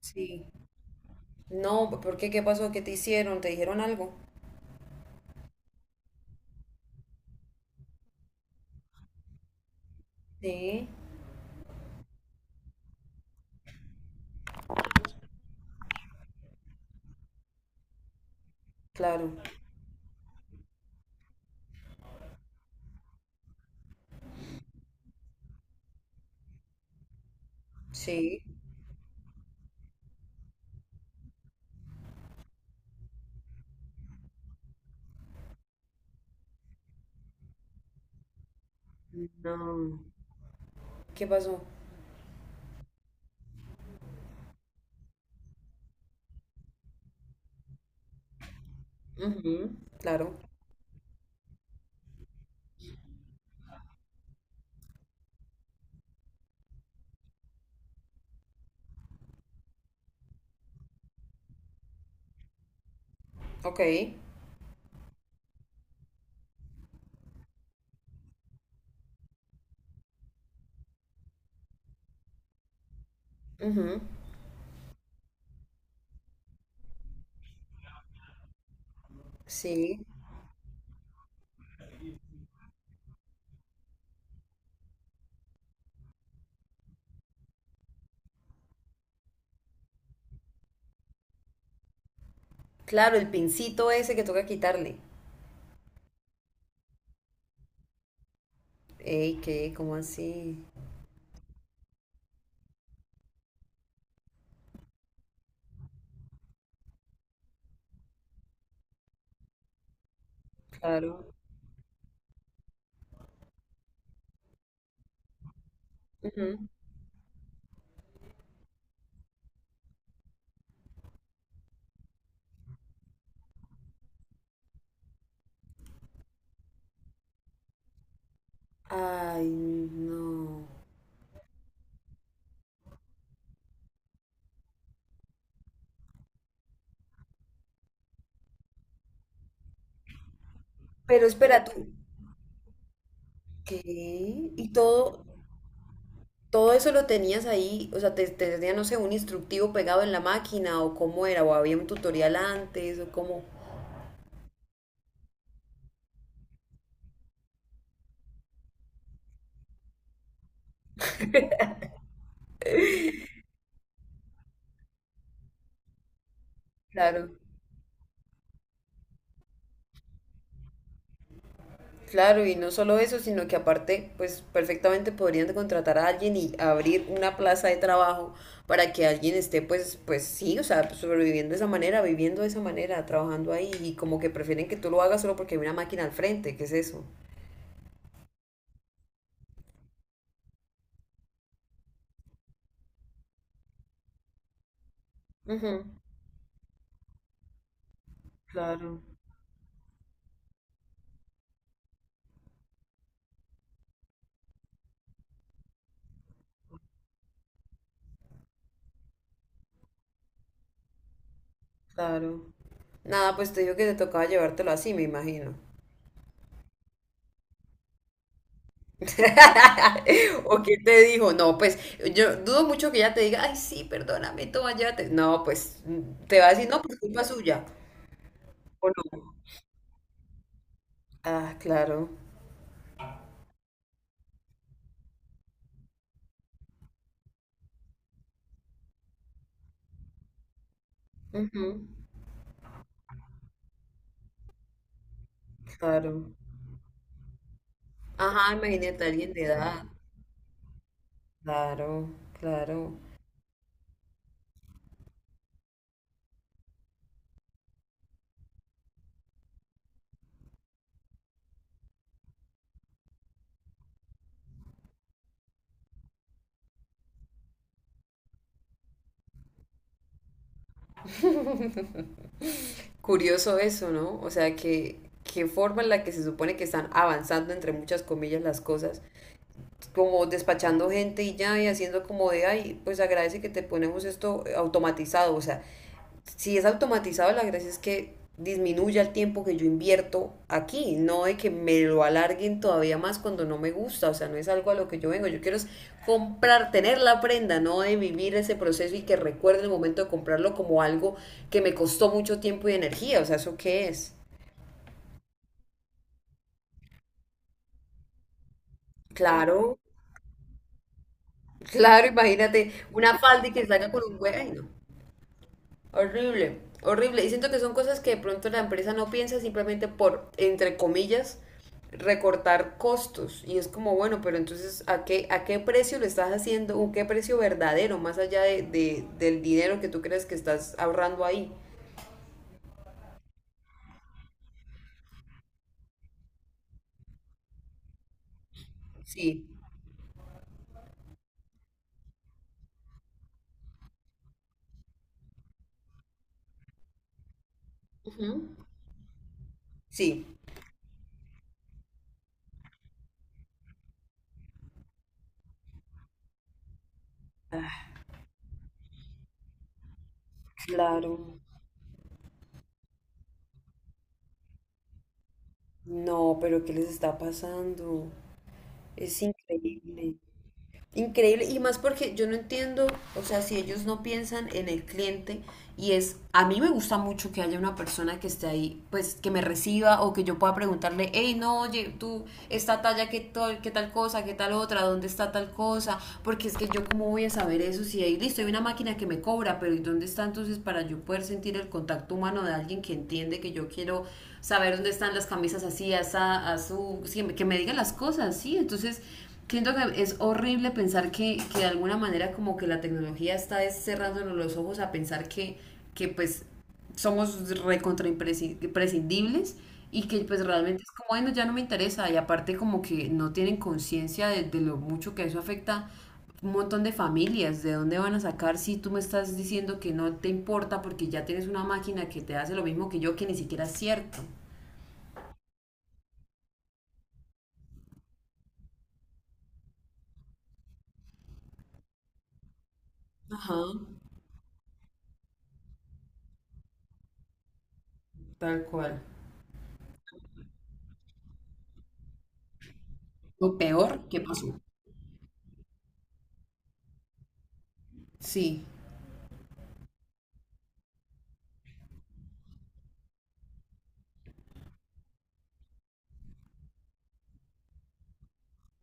Sí. No, ¿por qué? ¿Qué pasó? ¿Qué te hicieron? ¿Te dijeron algo? Sí, claro. Sí. No. ¿Qué pasó? Ujú, claro. Ok. Ujú, sí. Claro, el pincito ese que toca quitarle. Ey, ¿qué? ¿Cómo así? Claro. Ujú. Ay, no. Pero espera tú. ¿Qué? ¿Y todo? Todo eso lo tenías ahí, o sea, te tenía, no sé, un instructivo pegado en la máquina o cómo era, o había un tutorial antes o cómo. Claro, claro, y no solo eso, sino que aparte, pues perfectamente podrían contratar a alguien y abrir una plaza de trabajo para que alguien esté, pues sí, o sea, sobreviviendo de esa manera, viviendo de esa manera, trabajando ahí y como que prefieren que tú lo hagas solo porque hay una máquina al frente, ¿qué es eso? Ujú, claro, claro. Nada, pues te digo que te tocaba llevártelo así, me imagino. ¿O qué te dijo? No, pues yo dudo mucho que ella te diga, ay, sí, perdóname, toma, llévate. No, pues te va a decir, no, pues culpa suya. ¿O no? Ah, claro. Ujú, claro. Ajá, imagínate a alguien de edad. Claro, claro. Curioso eso, ¿no? O sea, que qué forma en la que se supone que están avanzando, entre muchas comillas, las cosas, como despachando gente y ya, y haciendo como de, ay, pues agradece que te ponemos esto automatizado. O sea, si es automatizado, la gracia es que disminuya el tiempo que yo invierto aquí, no de que me lo alarguen todavía más cuando no me gusta, o sea, no es algo a lo que yo vengo, yo quiero es comprar, tener la prenda, no de vivir ese proceso y que recuerde el momento de comprarlo como algo que me costó mucho tiempo y energía, o sea, ¿eso qué es? Claro, claro, imagínate una falda y que salga con un huevo. Horrible, horrible. Y siento que son cosas que de pronto la empresa no piensa simplemente por, entre comillas, recortar costos. Y es como, bueno, pero entonces, ¿a qué precio lo estás haciendo? ¿Un qué precio verdadero, más allá del dinero que tú crees que estás ahorrando ahí? Sí. Ujú. Sí. Claro. No, pero ¿qué les está pasando? Es increíble. Increíble, y más porque yo no entiendo, o sea, si ellos no piensan en el cliente y es, a mí me gusta mucho que haya una persona que esté ahí, pues que me reciba o que yo pueda preguntarle, hey, no, oye, tú, esta talla, qué tal cosa, qué tal otra, dónde está tal cosa, porque es que yo cómo voy a saber eso si ahí, listo, hay una máquina que me cobra, pero ¿y dónde está entonces para yo poder sentir el contacto humano de alguien que entiende que yo quiero saber dónde están las camisas así, asa, azul, sí, que me digan las cosas, sí, entonces... Siento que es horrible pensar que de alguna manera como que la tecnología está cerrándonos los ojos a pensar que pues somos recontra imprescindibles y que pues realmente es como, bueno, ya no me interesa y aparte como que no tienen conciencia de lo mucho que eso afecta un montón de familias, de dónde van a sacar si tú me estás diciendo que no te importa porque ya tienes una máquina que te hace lo mismo que yo, que ni siquiera es cierto. Ajá, tal cual. O peor, ¿qué pasó? Sí.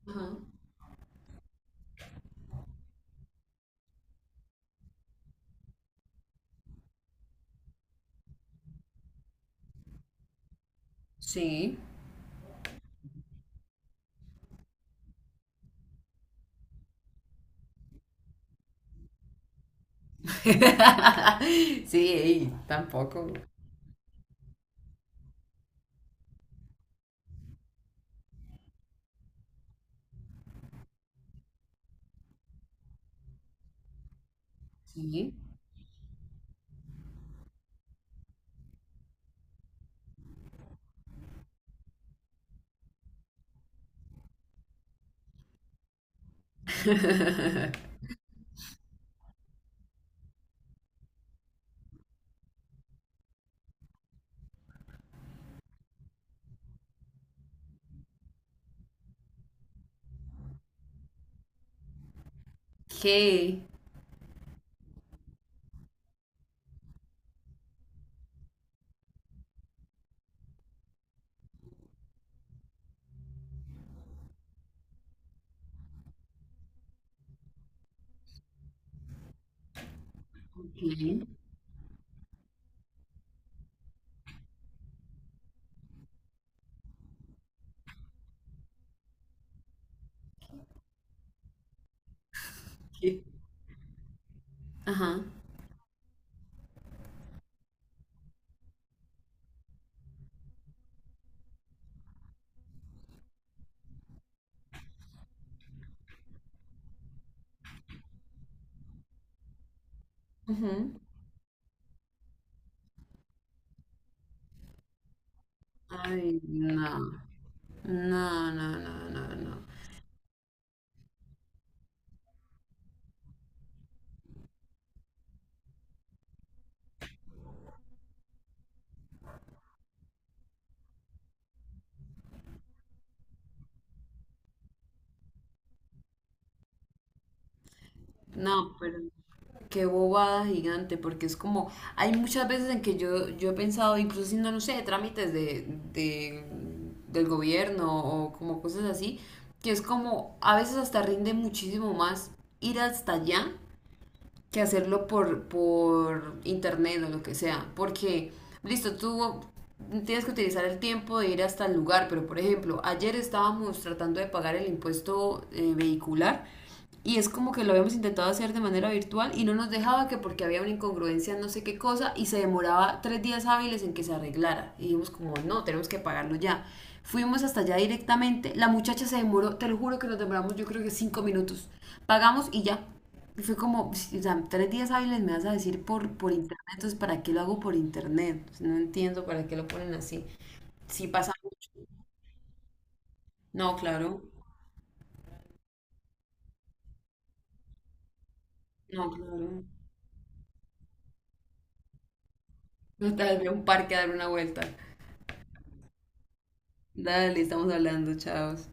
Ajá. Sí. Sí, ey, tampoco. Sí. ¿Qué? ¿Qué? ¿Qué? Ajá. Ujú. Ay, no. No, no, no, no, no. No, pero qué bobada gigante, porque es como, hay muchas veces en que yo he pensado, incluso haciendo, no sé, trámites de- del gobierno o como cosas así, que es como, a veces hasta rinde muchísimo más ir hasta allá que hacerlo por internet o lo que sea. Porque, listo, tú tienes que utilizar el tiempo de ir hasta el lugar, pero por ejemplo, ayer estábamos tratando de pagar el impuesto vehicular y es como que lo habíamos intentado hacer de manera virtual y no nos dejaba, que porque había una incongruencia, no sé qué cosa, y se demoraba 3 días hábiles en que se arreglara. Y dijimos como, no, tenemos que pagarlo ya. Fuimos hasta allá directamente, la muchacha se demoró, te lo juro que nos demoramos yo creo que 5 minutos. Pagamos y ya, y fue como, Ps, o sea, 3 días hábiles me vas a decir por internet, entonces ¿para qué lo hago por internet? O sea, no entiendo para qué lo ponen así. Sí, pasa mucho. No, claro, no, claro. No, tal vez voy a un parque a dar una vuelta. Dale, estamos hablando, chavos.